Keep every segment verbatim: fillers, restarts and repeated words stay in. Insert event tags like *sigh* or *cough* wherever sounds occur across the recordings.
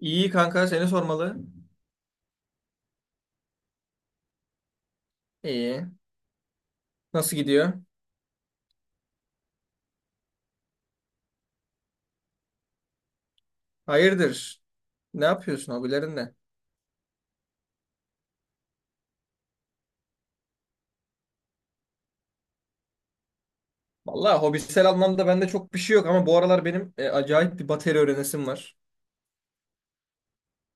İyi kanka seni sormalı. İyi. Nasıl gidiyor? Hayırdır? Ne yapıyorsun hobilerinde? Vallahi hobisel anlamda bende çok bir şey yok ama bu aralar benim e, acayip bir bateri öğrenesim var.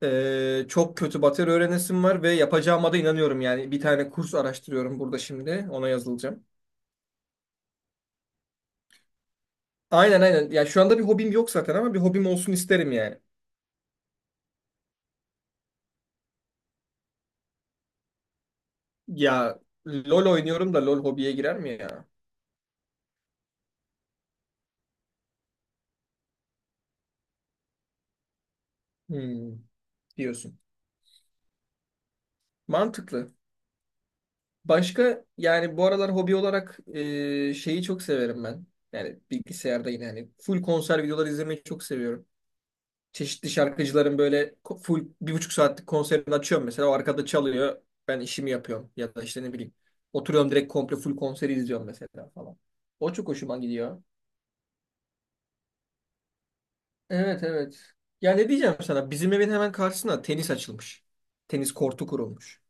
E, çok kötü bateri öğrenesim var ve yapacağıma da inanıyorum yani. Bir tane kurs araştırıyorum burada şimdi. Ona yazılacağım. Aynen, aynen. Ya şu anda bir hobim yok zaten ama bir hobim olsun isterim yani. Ya LOL oynuyorum da LOL hobiye girer mi ya? Hmm, diyorsun. Mantıklı. Başka yani bu aralar hobi olarak e, şeyi çok severim ben. Yani bilgisayarda yine hani full konser videoları izlemeyi çok seviyorum. Çeşitli şarkıcıların böyle ko- full bir buçuk saatlik konserini açıyorum mesela. O arkada çalıyor. Ben işimi yapıyorum. Ya da işte ne bileyim. Oturuyorum, direkt komple full konseri izliyorum mesela falan. O çok hoşuma gidiyor. Evet, evet. Ya ne diyeceğim sana? Bizim evin hemen karşısına tenis açılmış. Tenis kortu kurulmuş.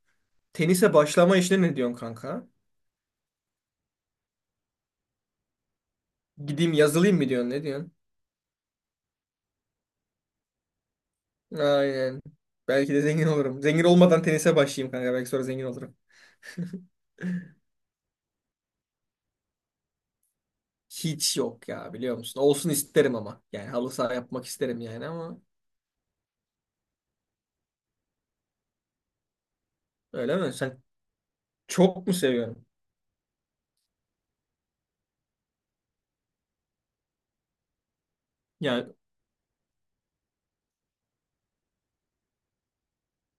Tenise başlama işine ne diyorsun kanka? Gideyim yazılayım mı diyorsun? Ne diyorsun? Aynen. Belki de zengin olurum. Zengin olmadan tenise başlayayım kanka. Belki sonra zengin olurum. *laughs* Hiç yok ya, biliyor musun? Olsun isterim ama. Yani halı saha yapmak isterim yani ama öyle mi? Sen çok mu seviyorsun? Yani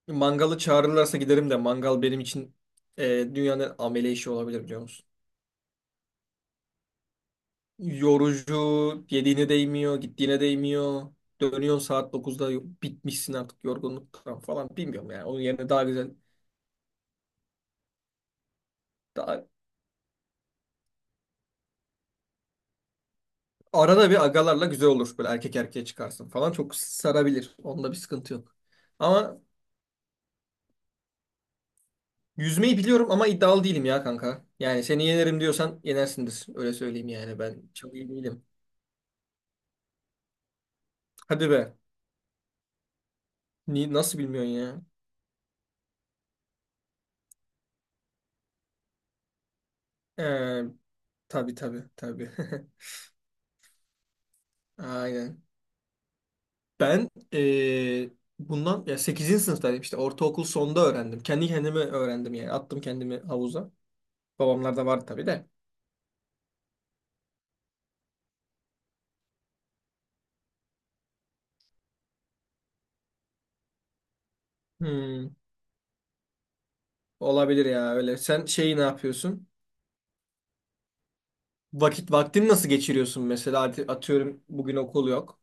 mangalı çağırırlarsa giderim de mangal benim için e, dünyanın amele işi olabilir, biliyor musun? Yorucu, yediğine değmiyor, gittiğine değmiyor. Dönüyorsun saat dokuzda, yo- bitmişsin artık yorgunluktan falan, bilmiyorum yani. Onun yerine daha güzel. daha Arada bir agalarla güzel olur. Böyle erkek erkeğe çıkarsın falan. Çok sarabilir. Onda bir sıkıntı yok. Ama yüzmeyi biliyorum ama iddialı değilim ya kanka. Yani seni yenerim diyorsan yenersindir. Öyle söyleyeyim yani. Ben çok iyi değilim. Hadi be. Ni nasıl bilmiyorsun ya? Ee, tabii, tabii, tabii. *laughs* Aynen. Ben ee, bundan ya sekizinci sınıftaydım işte, ortaokul sonda öğrendim. Kendi kendime öğrendim yani. Attım kendimi havuza. Babamlar da vardı tabii de. Hmm, Olabilir ya öyle. Sen şeyi ne yapıyorsun? Vakit vaktini nasıl geçiriyorsun mesela? At- Atıyorum bugün okul yok.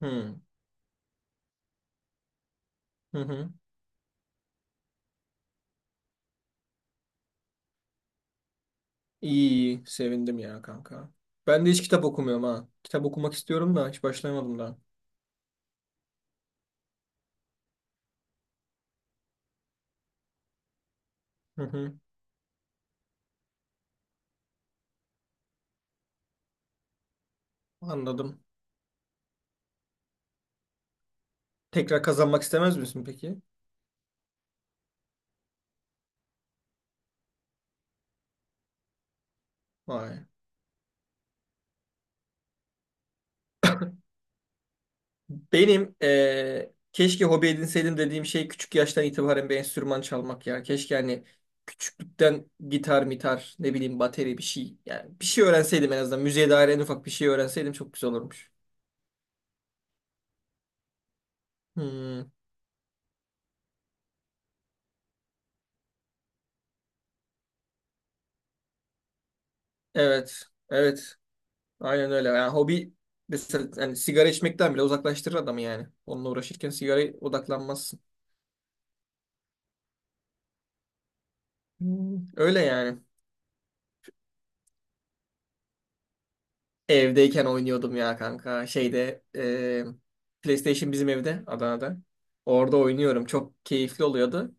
Hmm. Hı hı. İyi, iyi. Sevindim ya kanka. Ben de hiç kitap okumuyorum ha. Kitap okumak istiyorum da hiç başlayamadım daha. Hı hı. Anladım. Tekrar kazanmak istemez misin peki? Vay. Benim eee, keşke hobi edinseydim dediğim şey küçük yaştan itibaren bir enstrüman çalmak ya. Keşke hani küçüklükten gitar, mitar, ne bileyim bateri bir şey. Yani bir şey öğrenseydim en azından. Müziğe dair en ufak bir şey öğrenseydim çok güzel olurmuş. Hmm. Evet. Evet. Aynen öyle. Yani hobi, mesela yani sigara içmekten bile uzaklaştırır adamı yani. Onunla uğraşırken sigaraya odaklanmazsın. Hmm. Öyle yani. Evdeyken oynuyordum ya kanka. Şeyde e, PlayStation bizim evde Adana'da. Orada oynuyorum. Çok keyifli oluyordu.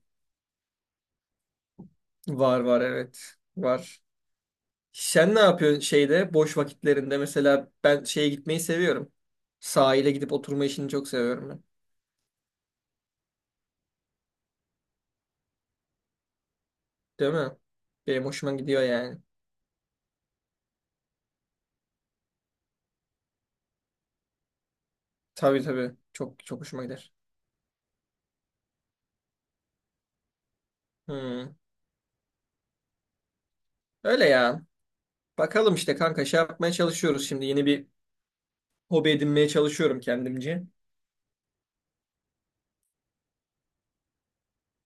Var, var, evet. Var. Sen ne yapıyorsun şeyde boş vakitlerinde? Mesela ben şeye gitmeyi seviyorum. Sahile gidip oturma işini çok seviyorum ben. Değil mi? Benim hoşuma gidiyor yani. Tabii, tabii. Çok çok hoşuma gider. Hmm. Öyle ya. Bakalım işte kanka, şey yapmaya çalışıyoruz şimdi. Yeni bir hobi edinmeye çalışıyorum kendimce.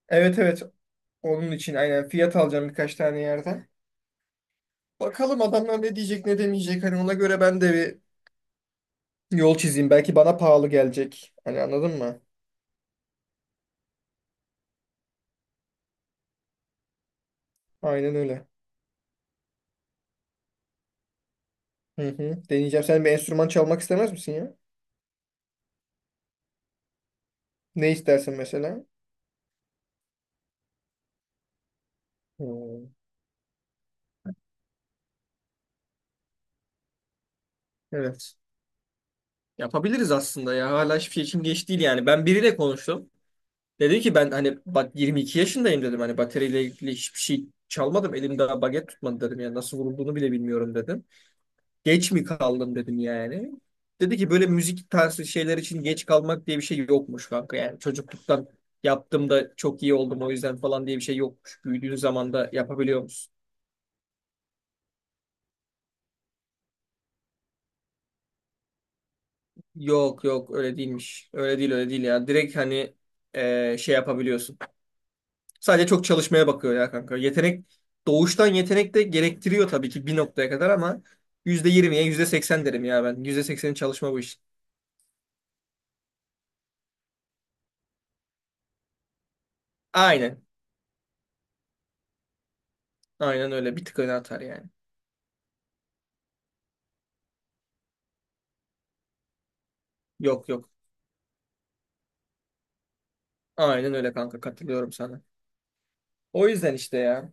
Evet, evet. Onun için aynen fiyat alacağım birkaç tane yerden. Bakalım adamlar ne diyecek, ne demeyecek. Hani ona göre ben de bir yol çizeyim. Belki bana pahalı gelecek. Hani anladın mı? Aynen öyle. Hı hı. Deneyeceğim. Sen bir enstrüman çalmak istemez misin ya? Ne istersin mesela? Hmm. Evet. Yapabiliriz aslında ya. Hala hiçbir şey için geç değil yani. Ben biriyle konuştum. Dedi ki, ben hani, bak yirmi iki yaşındayım dedim. Hani bataryayla ilgili hiçbir şey çalmadım, elimde baget tutmadı dedim. Yani nasıl vurulduğunu bile bilmiyorum dedim. Geç mi kaldım dedim yani. Dedi ki, böyle müzik tarzı şeyler için geç kalmak diye bir şey yokmuş kanka. Yani çocukluktan yaptığımda çok iyi oldum o yüzden falan diye bir şey yokmuş. Büyüdüğün zaman da yapabiliyor musun? Yok, yok, öyle değilmiş. Öyle değil, öyle değil ya. Direkt hani e, şey yapabiliyorsun. Sadece çok çalışmaya bakıyor ya kanka. Yetenek doğuştan yetenek de gerektiriyor tabii ki bir noktaya kadar ama yüzde yirmiye yüzde seksen derim ya ben. yüzde seksenin çalışma bu iş. Aynen. Aynen öyle. Bir tık öne atar yani. Yok, yok. Aynen öyle kanka. Katılıyorum sana. O yüzden işte ya.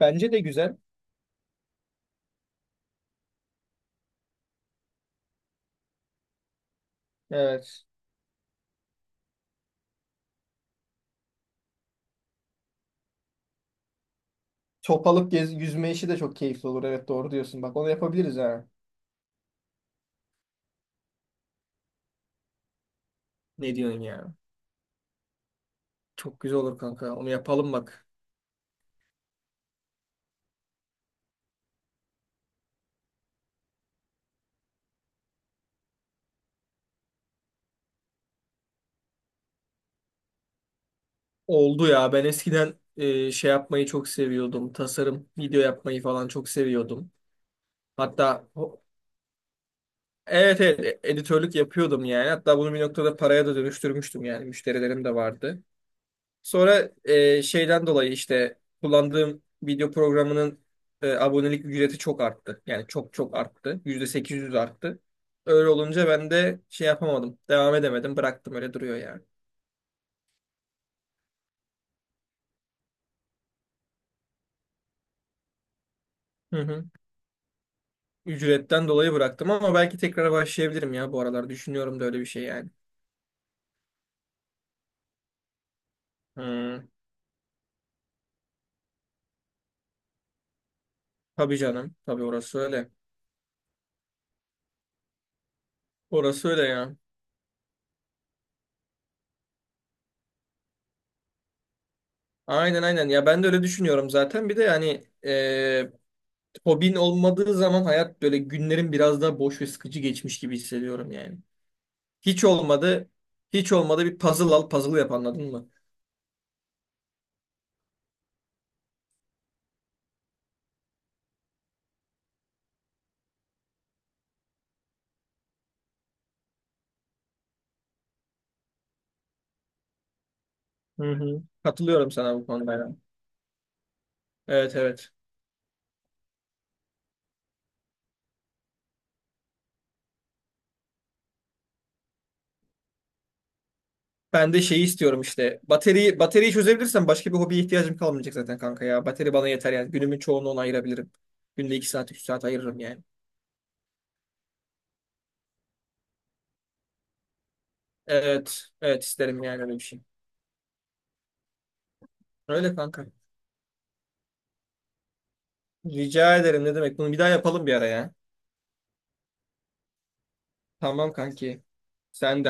Bence de güzel. Evet. Çopalık gez, yüzme işi de çok keyifli olur. Evet, doğru diyorsun. Bak, onu yapabiliriz ha. Ne diyorsun ya? Çok güzel olur kanka. Onu yapalım bak. Oldu ya. Ben eskiden e, şey yapmayı çok seviyordum. Tasarım, video yapmayı falan çok seviyordum. Hatta o- evet, evet, e- editörlük yapıyordum yani. Hatta bunu bir noktada paraya da dönüştürmüştüm yani. Müşterilerim de vardı. Sonra e, şeyden dolayı işte kullandığım video programının e, abonelik ücreti çok arttı. Yani çok çok arttı. yüzde sekiz yüz arttı. Öyle olunca ben de şey yapamadım. Devam edemedim. Bıraktım, öyle duruyor yani. Hı hı. Ücretten dolayı bıraktım ama belki tekrar başlayabilirim ya bu aralar. Düşünüyorum da öyle bir şey yani. Hmm. Tabii canım. Tabii orası öyle. Orası öyle ya. Aynen, aynen. Ya ben de öyle düşünüyorum zaten. Bir de yani e, hobin olmadığı zaman hayat böyle, günlerin biraz daha boş ve sıkıcı geçmiş gibi hissediyorum yani. Hiç olmadı. Hiç olmadı, bir puzzle al, puzzle yap, anladın mı? Hı hı. Katılıyorum sana bu konuda ya. Evet, evet. Ben de şeyi istiyorum işte. Bateriyi, bateriyi çözebilirsem başka bir hobiye ihtiyacım kalmayacak zaten kanka ya. Bateri bana yeter yani. Günümün çoğunu ona ayırabilirim. Günde iki saat, üç saat ayırırım yani. Evet. Evet, isterim yani öyle bir şey. Öyle kanka. Rica ederim, ne demek. Bunu bir daha yapalım bir ara ya. Tamam kanki. Sen de hadi